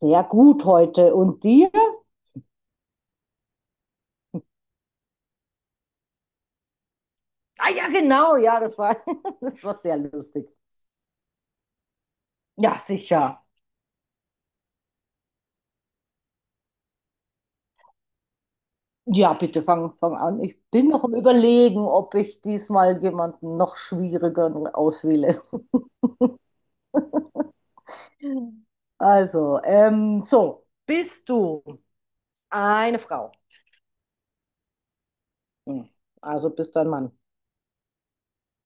Sehr gut heute. Und dir? Ah ja, genau, ja, das war, das war sehr lustig. Ja, sicher. Ja, bitte fang an. Ich bin noch am Überlegen, ob ich diesmal jemanden noch schwieriger auswähle. Also, so, bist du eine Frau? Hm. Also bist du ein Mann.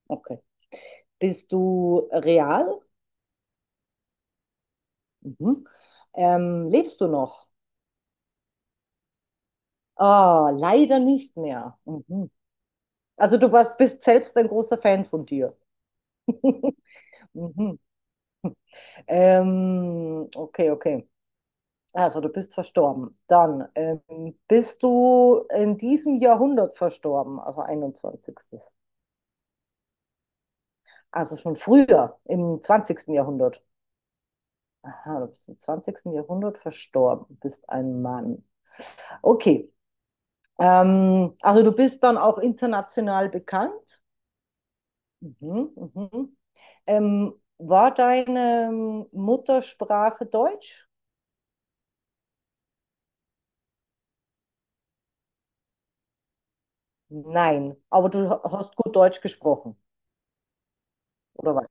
Okay. Bist du real? Mhm. Lebst du noch? Ah, leider nicht mehr. Mhm. Also du warst, bist selbst ein großer Fan von dir. Mhm. Okay, okay. Also du bist verstorben. Dann bist du in diesem Jahrhundert verstorben, also einundzwanzigstes. Also schon früher, im zwanzigsten Jahrhundert. Aha, du bist im zwanzigsten Jahrhundert verstorben, bist ein Mann. Okay. Also du bist dann auch international bekannt. Mhm, mhm. War deine Muttersprache Deutsch? Nein, aber du hast gut Deutsch gesprochen. Oder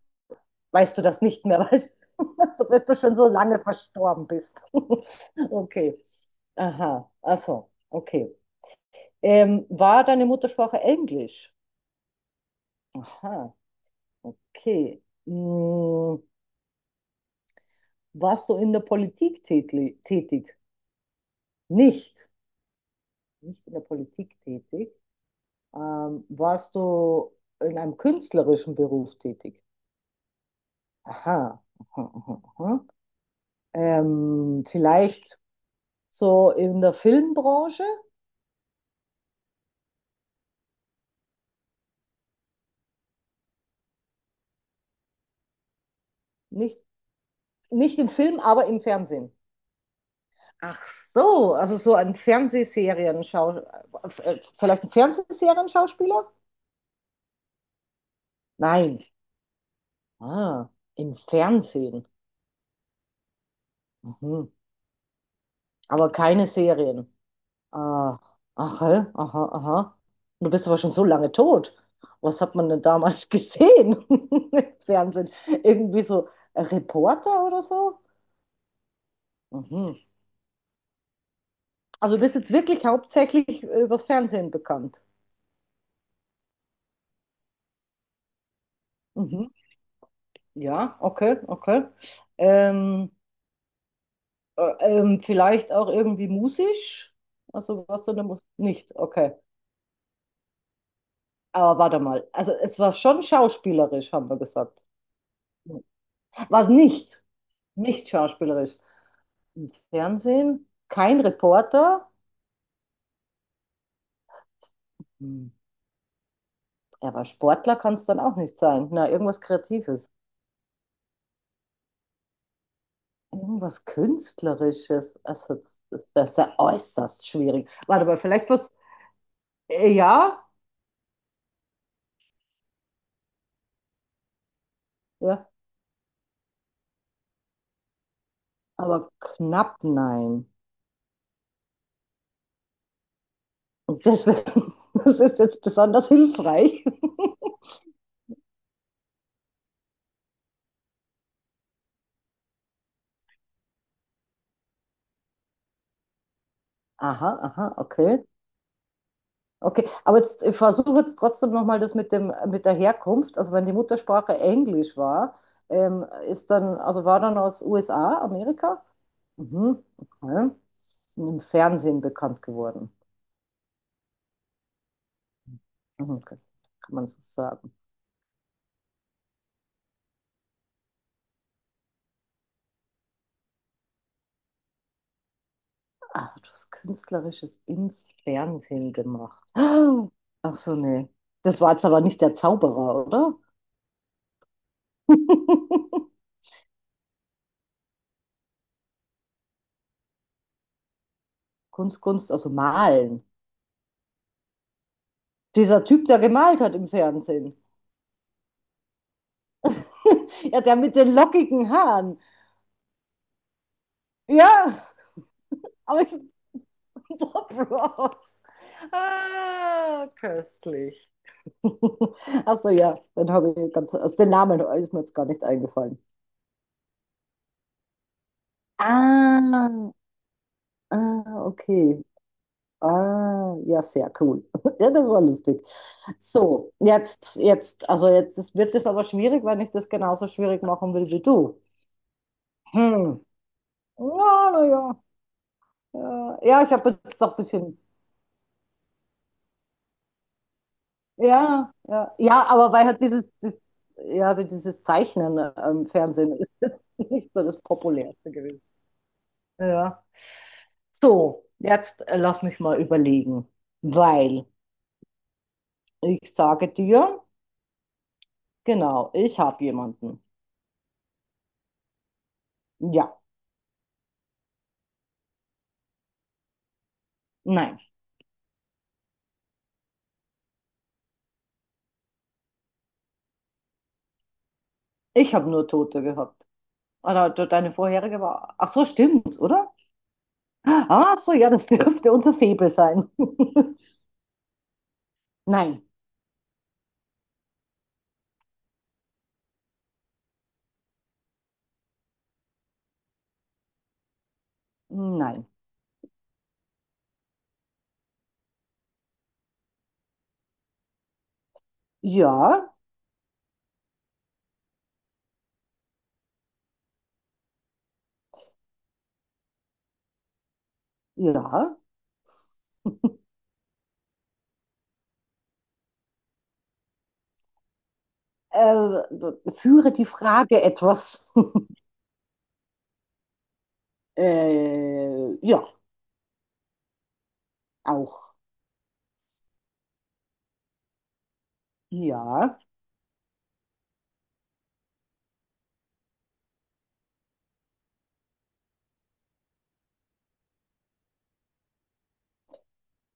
weißt du das nicht mehr, weißt du, so, bis du schon so lange verstorben bist? Okay. Aha, ach so, okay. War deine Muttersprache Englisch? Aha, okay. Hm, warst du in der Politik tätig? Nicht. Nicht in der Politik tätig. Warst du in einem künstlerischen Beruf tätig? Aha, aha, aha, aha. Vielleicht so in der Filmbranche? Nicht Nicht im Film, aber im Fernsehen. Ach so, also so ein Fernsehserien-Schauspieler? Vielleicht ein Fernsehserienschauspieler? Nein. Ah, im Fernsehen. Mhm. Aber keine Serien. Ah, aha, aha, aha. Du bist aber schon so lange tot. Was hat man denn damals gesehen im Fernsehen? Irgendwie so Reporter oder so? Mhm. Also du bist jetzt wirklich hauptsächlich übers Fernsehen bekannt. Mhm. Ja, okay, okay. Ähm, Vielleicht auch irgendwie musisch? Also was denn da muss? Nicht, okay. Aber warte mal. Also es war schon schauspielerisch, haben wir gesagt. Was nicht? Nicht schauspielerisch. Im Fernsehen? Kein Reporter? Hm. Ja, aber Sportler kann es dann auch nicht sein. Na, irgendwas Kreatives. Irgendwas Künstlerisches. Also das das ist ja äußerst schwierig. Warte mal, vielleicht was. Ja, ja, aber knapp nein. Und deswegen, das ist jetzt besonders hilfreich. Aha, aha, okay. Okay, aber jetzt, ich versuche jetzt trotzdem nochmal das mit dem, mit der Herkunft. Also wenn die Muttersprache Englisch war, ist dann, also war dann aus USA, Amerika? Mhm, okay. Und im Fernsehen bekannt geworden. Mhm, okay. Kann man so sagen. Ah, du hast Künstlerisches im Fernsehen gemacht. Ach so, nee. Das war jetzt aber nicht der Zauberer, oder? Kunst, Kunst, also malen. Dieser Typ, der gemalt hat im Fernsehen. Ja, der mit den lockigen Haaren. Ja, aber ich bin Bob Ross. Ah, köstlich. Achso, ja, dann habe ich ganz, also den Namen ist mir jetzt gar nicht eingefallen. Ah, ah, okay. Ah, ja, sehr cool. Ja, das war lustig. So, jetzt, jetzt, also jetzt wird es aber schwierig, wenn ich das genauso schwierig machen will wie du. Hm. Ja, na ja. Ja, ja, ich habe jetzt auch ein bisschen. Ja, ja, ja, aber weil halt dieses, das, ja, wie dieses Zeichnen im Fernsehen ist das nicht so das populärste gewesen. Ja. So, jetzt lass mich mal überlegen, weil ich sage dir, genau, ich habe jemanden. Ja, nein, ich habe nur Tote gehabt. Oder deine vorherige war. Ach so, stimmt, oder? Ah, so, ja, das dürfte unser Faible sein. Nein, nein. Ja, ja, Äh, führe die Frage etwas. Ja, auch. Ja.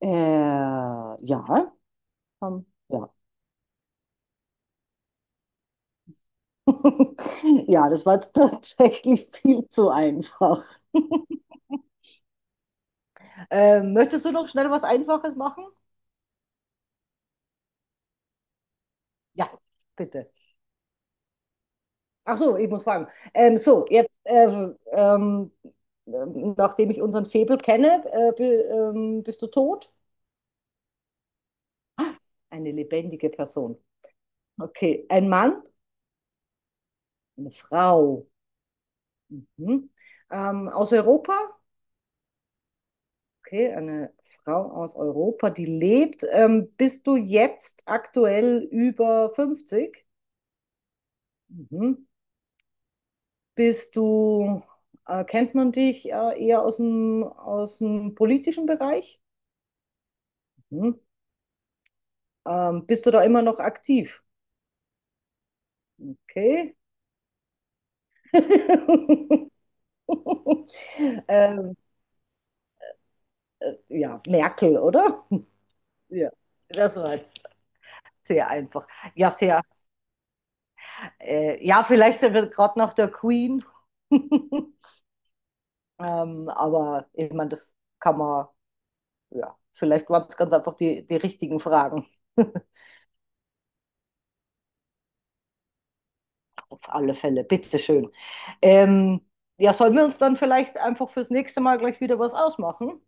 Ja. Ja. Ja, das war jetzt tatsächlich viel zu einfach. Möchtest du noch schnell was Einfaches machen? Ja, bitte. Ach so, ich muss fragen. So, jetzt, nachdem ich unseren Febel kenne, bist du tot? Eine lebendige Person. Okay, ein Mann, eine Frau. Mhm. Aus Europa? Okay, eine Frau aus Europa, die lebt. Bist du jetzt aktuell über 50? Mhm. Bist du, Kennt man dich eher aus dem politischen Bereich? Mhm. Bist du da immer noch aktiv? Okay. ähm, ja, Merkel, oder? Ja, das war jetzt sehr einfach. Ja, sehr. Ja, vielleicht wird gerade nach der Queen. Aber ich meine, das kann man, ja, vielleicht waren es ganz einfach die richtigen Fragen. Auf alle Fälle, bitteschön. Ähm, ja, sollen wir uns dann vielleicht einfach fürs nächste Mal gleich wieder was ausmachen?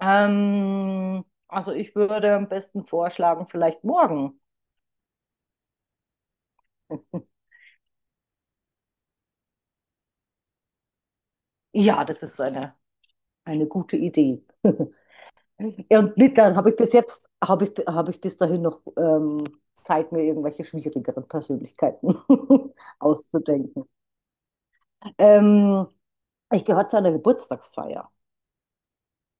Also ich würde am besten vorschlagen, vielleicht morgen. Ja, das ist eine gute Idee. Ja, und Littern habe ich bis jetzt, habe ich bis dahin noch Zeit, mir irgendwelche schwierigeren Persönlichkeiten auszudenken. Ähm, Ich gehöre zu einer Geburtstagsfeier.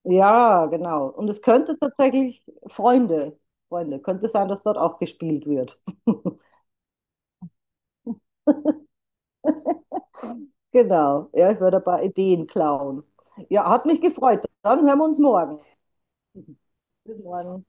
Ja, genau. Und es könnte tatsächlich Freunde, Freunde, könnte sein, dass dort auch gespielt wird. Genau. Ja, ich werde ein paar Ideen klauen. Ja, hat mich gefreut. Dann hören wir uns morgen. Bis morgen.